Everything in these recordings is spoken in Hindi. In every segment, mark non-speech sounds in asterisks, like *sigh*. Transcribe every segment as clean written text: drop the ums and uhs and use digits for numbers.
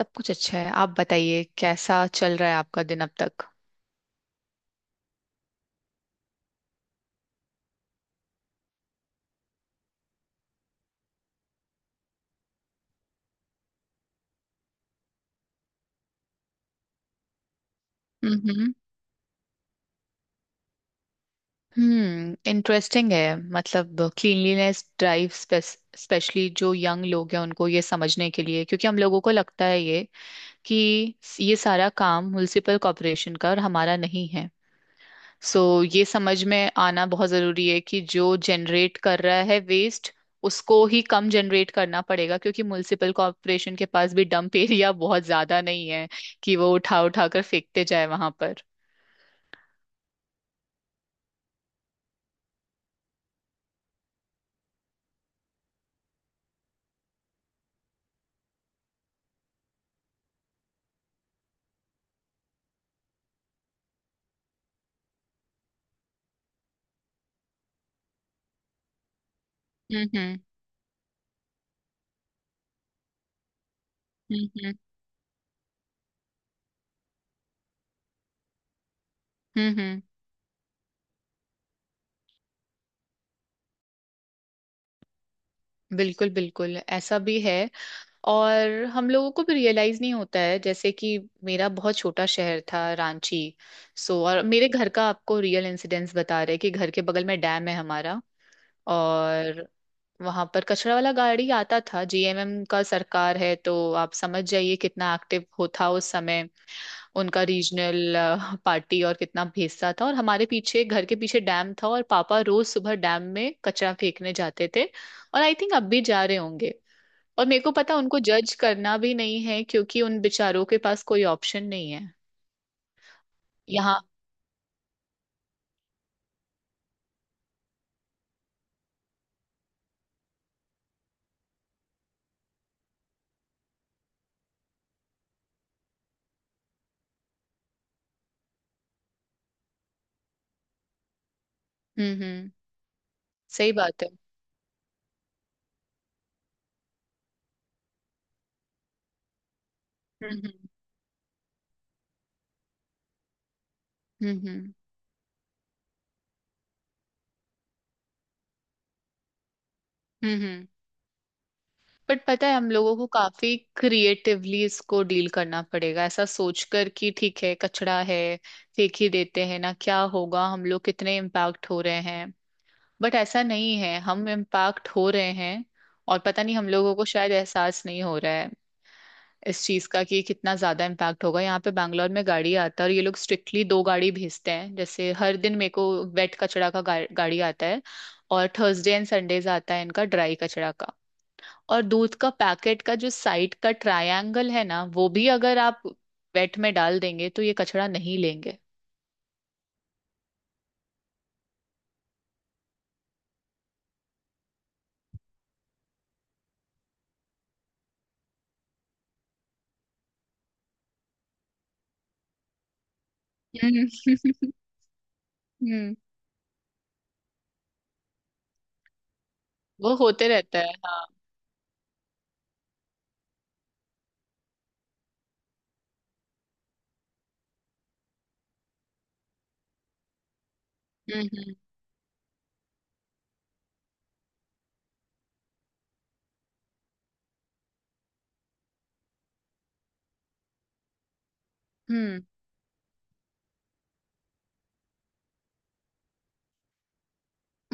सब कुछ अच्छा है। आप बताइए, कैसा चल रहा है आपका दिन अब तक? हम्म। हम्म। इंटरेस्टिंग है। मतलब, क्लीनलीनेस ड्राइव। स्पेशली जो यंग लोग हैं, उनको ये समझने के लिए, क्योंकि हम लोगों को लगता है ये कि ये सारा काम म्युनिसिपल कॉरपोरेशन का, और हमारा नहीं है। सो, ये समझ में आना बहुत जरूरी है कि जो जनरेट कर रहा है वेस्ट, उसको ही कम जनरेट करना पड़ेगा, क्योंकि म्युनिसिपल कॉर्पोरेशन के पास भी डंप एरिया बहुत ज्यादा नहीं है कि वो उठा उठा कर फेंकते जाए वहां पर। हम्म। हम्म। हम्म। हम्म। बिल्कुल बिल्कुल ऐसा भी है। और हम लोगों को भी रियलाइज नहीं होता है। जैसे कि मेरा बहुत छोटा शहर था, रांची। सो, और मेरे घर का आपको रियल इंसिडेंस बता रहे हैं कि घर के बगल में डैम है हमारा। और वहां पर कचरा वाला गाड़ी आता था। जीएमएम का सरकार है, तो आप समझ जाइए कितना एक्टिव हो था उस समय। उनका रीजनल पार्टी, और कितना भेजता था। और हमारे पीछे, घर के पीछे डैम था, और पापा रोज सुबह डैम में कचरा फेंकने जाते थे। और आई थिंक अब भी जा रहे होंगे। और मेरे को पता, उनको जज करना भी नहीं है क्योंकि उन बेचारों के पास कोई ऑप्शन नहीं है। यहाँ। हम्म। हम्म। सही बात है। हम्म। हम्म। हम्म। हम्म। हम्म। हम्म। बट पता है, हम लोगों को काफी क्रिएटिवली इसको डील करना पड़ेगा, ऐसा सोचकर कि ठीक है, कचरा है, फेंक ही देते हैं, ना क्या होगा, हम लोग कितने इम्पैक्ट हो रहे हैं? बट ऐसा नहीं है, हम इम्पैक्ट हो रहे हैं। और पता नहीं, हम लोगों को शायद एहसास नहीं हो रहा है इस चीज का कि कितना ज्यादा इम्पैक्ट होगा। यहाँ पे बैंगलोर में गाड़ी आता है, और ये लोग स्ट्रिक्टली दो गाड़ी भेजते हैं जैसे हर दिन मेरे को। वेट कचरा का गाड़ी आता है। और थर्सडे एंड संडेज आता है इनका ड्राई कचरा का। और दूध का पैकेट का जो साइड का ट्रायंगल है ना, वो भी अगर आप वेट में डाल देंगे तो ये कचरा नहीं लेंगे। हम्म। *laughs* हम्म। वो होते रहता है, हाँ। हम्म। हम्म। हम्म।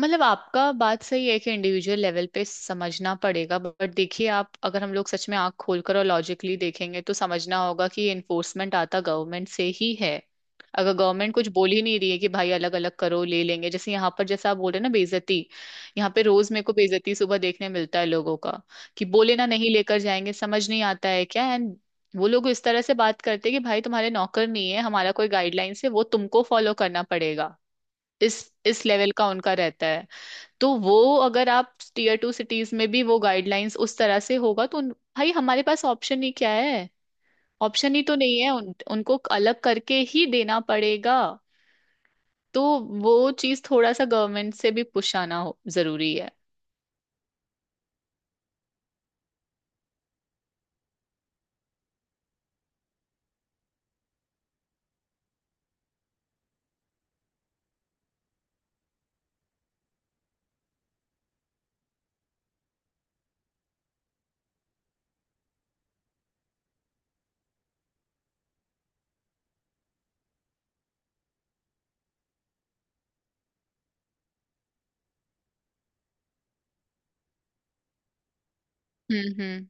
मतलब आपका बात सही है कि इंडिविजुअल लेवल पे समझना पड़ेगा। बट देखिए, आप अगर हम लोग सच में आंख खोलकर और लॉजिकली देखेंगे तो समझना होगा कि ये इन्फोर्समेंट आता गवर्नमेंट से ही है। अगर गवर्नमेंट कुछ बोल ही नहीं रही है कि भाई अलग अलग करो, ले लेंगे, जैसे यहाँ पर जैसे आप बोल रहे हैं ना, बेइज्जती। यहाँ पे रोज मेरे को बेइज्जती सुबह देखने मिलता है लोगों का। कि बोले ना, नहीं लेकर जाएंगे, समझ नहीं आता है क्या। एंड, वो लोग इस तरह से बात करते हैं कि भाई, तुम्हारे नौकर नहीं है। हमारा कोई गाइडलाइंस है, वो तुमको फॉलो करना पड़ेगा। इस इस लेवल का उनका रहता है। तो वो अगर आप टीयर 2 सिटीज में भी वो गाइडलाइंस उस तरह से होगा तो भाई, हमारे पास ऑप्शन ही क्या है? ऑप्शन ही तो नहीं है, उनको अलग करके ही देना पड़ेगा। तो वो चीज थोड़ा सा गवर्नमेंट से भी पुश आना हो जरूरी है। हम्म। हम्म।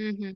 हम्म।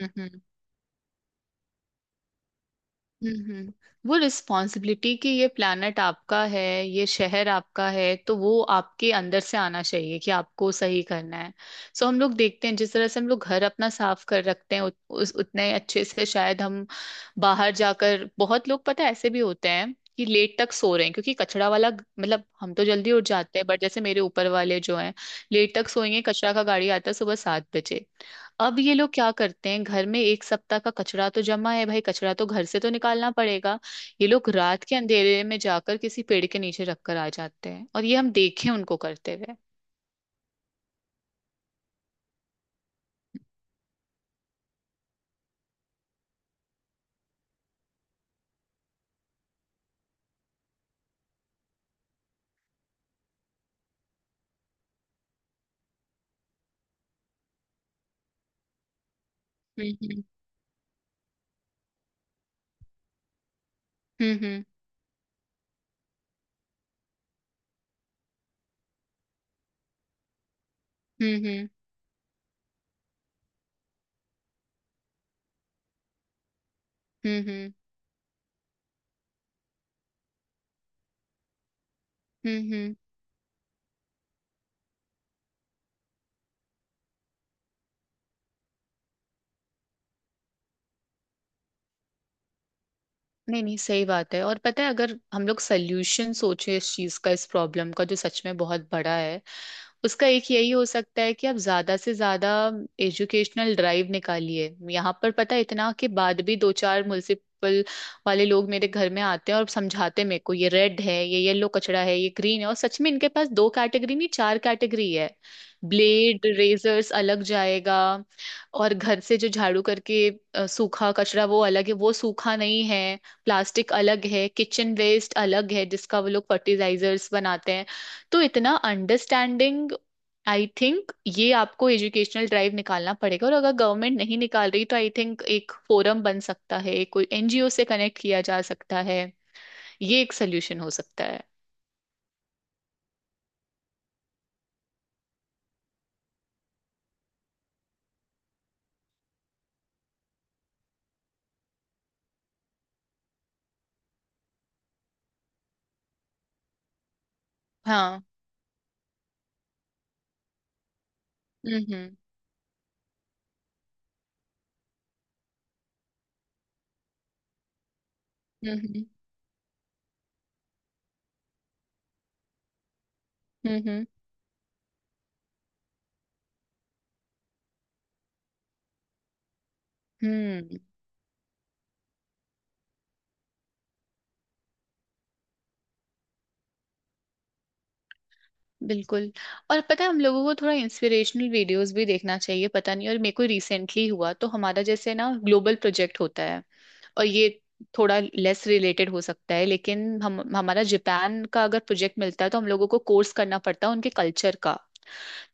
हम्म। हम्म। हम्म। वो रिस्पॉन्सिबिलिटी कि ये प्लानट आपका है, ये शहर आपका है, तो वो आपके अंदर से आना चाहिए कि आपको सही करना है। सो हम लोग देखते हैं, जिस तरह से हम लोग घर अपना साफ कर रखते हैं, उस उतने अच्छे से शायद हम बाहर जाकर। बहुत लोग पता है ऐसे भी होते हैं कि लेट तक सो रहे हैं, क्योंकि कचरा वाला, मतलब हम तो जल्दी उठ जाते हैं, बट जैसे मेरे ऊपर वाले जो हैं, लेट तक सोएंगे। कचरा का गाड़ी आता है सुबह 7 बजे। अब ये लोग क्या करते हैं, घर में एक सप्ताह का कचरा तो जमा है, भाई कचरा तो घर से तो निकालना पड़ेगा। ये लोग रात के अंधेरे में जाकर किसी पेड़ के नीचे रखकर आ जाते हैं, और ये हम देखे उनको करते हुए। हम्म। हम्म। हम्म। हम्म। हम्म। हम्म। हम्म। हम्म। हम्म। नहीं नहीं, सही बात है। और पता है, अगर हम लोग सोल्यूशन सोचे इस चीज का, इस प्रॉब्लम का जो सच में बहुत बड़ा है, उसका एक यही हो सकता है कि आप ज्यादा से ज्यादा एजुकेशनल ड्राइव निकालिए। यहाँ पर पता है, इतना के बाद भी दो चार म्युनिसिपल वाले लोग मेरे घर में आते हैं और समझाते हैं मेरे को, ये रेड है, ये येलो कचरा है, ये ग्रीन है। और सच में इनके पास दो कैटेगरी नहीं, चार कैटेगरी है। ब्लेड रेजर्स अलग जाएगा। और घर से जो झाड़ू करके सूखा कचरा, वो अलग है, वो सूखा नहीं है। प्लास्टिक अलग है, किचन वेस्ट अलग है, जिसका वो लोग फर्टिलाइजर्स बनाते हैं। तो इतना अंडरस्टैंडिंग आई थिंक ये आपको एजुकेशनल ड्राइव निकालना पड़ेगा। और अगर गवर्नमेंट नहीं निकाल रही, तो आई थिंक एक फोरम बन सकता है, कोई एनजीओ से कनेक्ट किया जा सकता है। ये एक सोल्यूशन हो सकता है। हाँ। हम्म। हम्म। हम्म। हम्म। हम्म। हम्म। बिल्कुल। और पता है, हम लोगों को थोड़ा इंस्पिरेशनल वीडियोस भी देखना चाहिए। पता नहीं, और मेरे को रिसेंटली हुआ, तो हमारा जैसे ना ग्लोबल प्रोजेक्ट होता है। और ये थोड़ा लेस रिलेटेड हो सकता है, लेकिन हम हमारा जापान का अगर प्रोजेक्ट मिलता है तो हम लोगों को कोर्स करना पड़ता है उनके कल्चर का।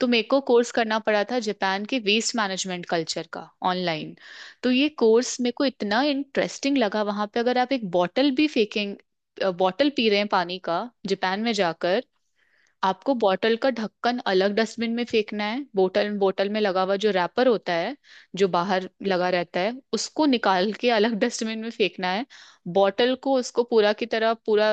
तो मेरे को कोर्स करना पड़ा था जापान के वेस्ट मैनेजमेंट कल्चर का, ऑनलाइन। तो ये कोर्स मेरे को इतना इंटरेस्टिंग लगा। वहां पे अगर आप एक बॉटल भी फेंकेंगे, बॉटल पी रहे हैं पानी का जापान में जाकर, आपको बॉटल का ढक्कन अलग डस्टबिन में फेंकना है। बोतल बोतल में लगा हुआ जो रैपर होता है, जो बाहर लगा रहता है, उसको निकाल के अलग *laughs* डस्टबिन में फेंकना है। बॉटल को उसको पूरा की तरह, पूरा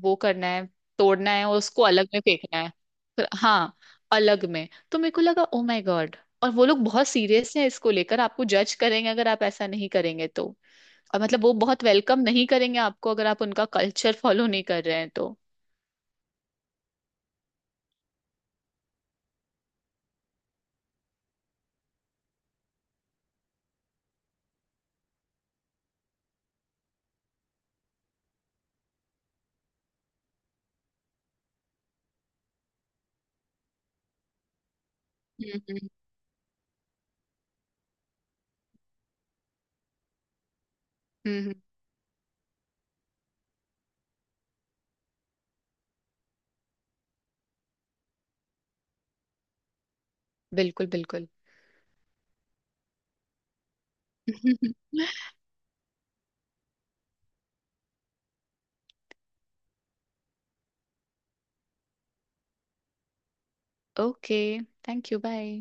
वो करना है, तोड़ना है, और उसको अलग में फेंकना है। हाँ, अलग में। तो मेरे को लगा, ओ माय गॉड। और वो लोग बहुत सीरियस हैं इसको लेकर। आपको जज करेंगे अगर आप ऐसा नहीं करेंगे तो। और मतलब वो बहुत वेलकम नहीं करेंगे आपको अगर आप उनका कल्चर फॉलो नहीं कर रहे हैं तो। हम्म। हम्म। हम्म, हम्म। बिल्कुल बिल्कुल। *laughs* ओके। Thank you. बाय।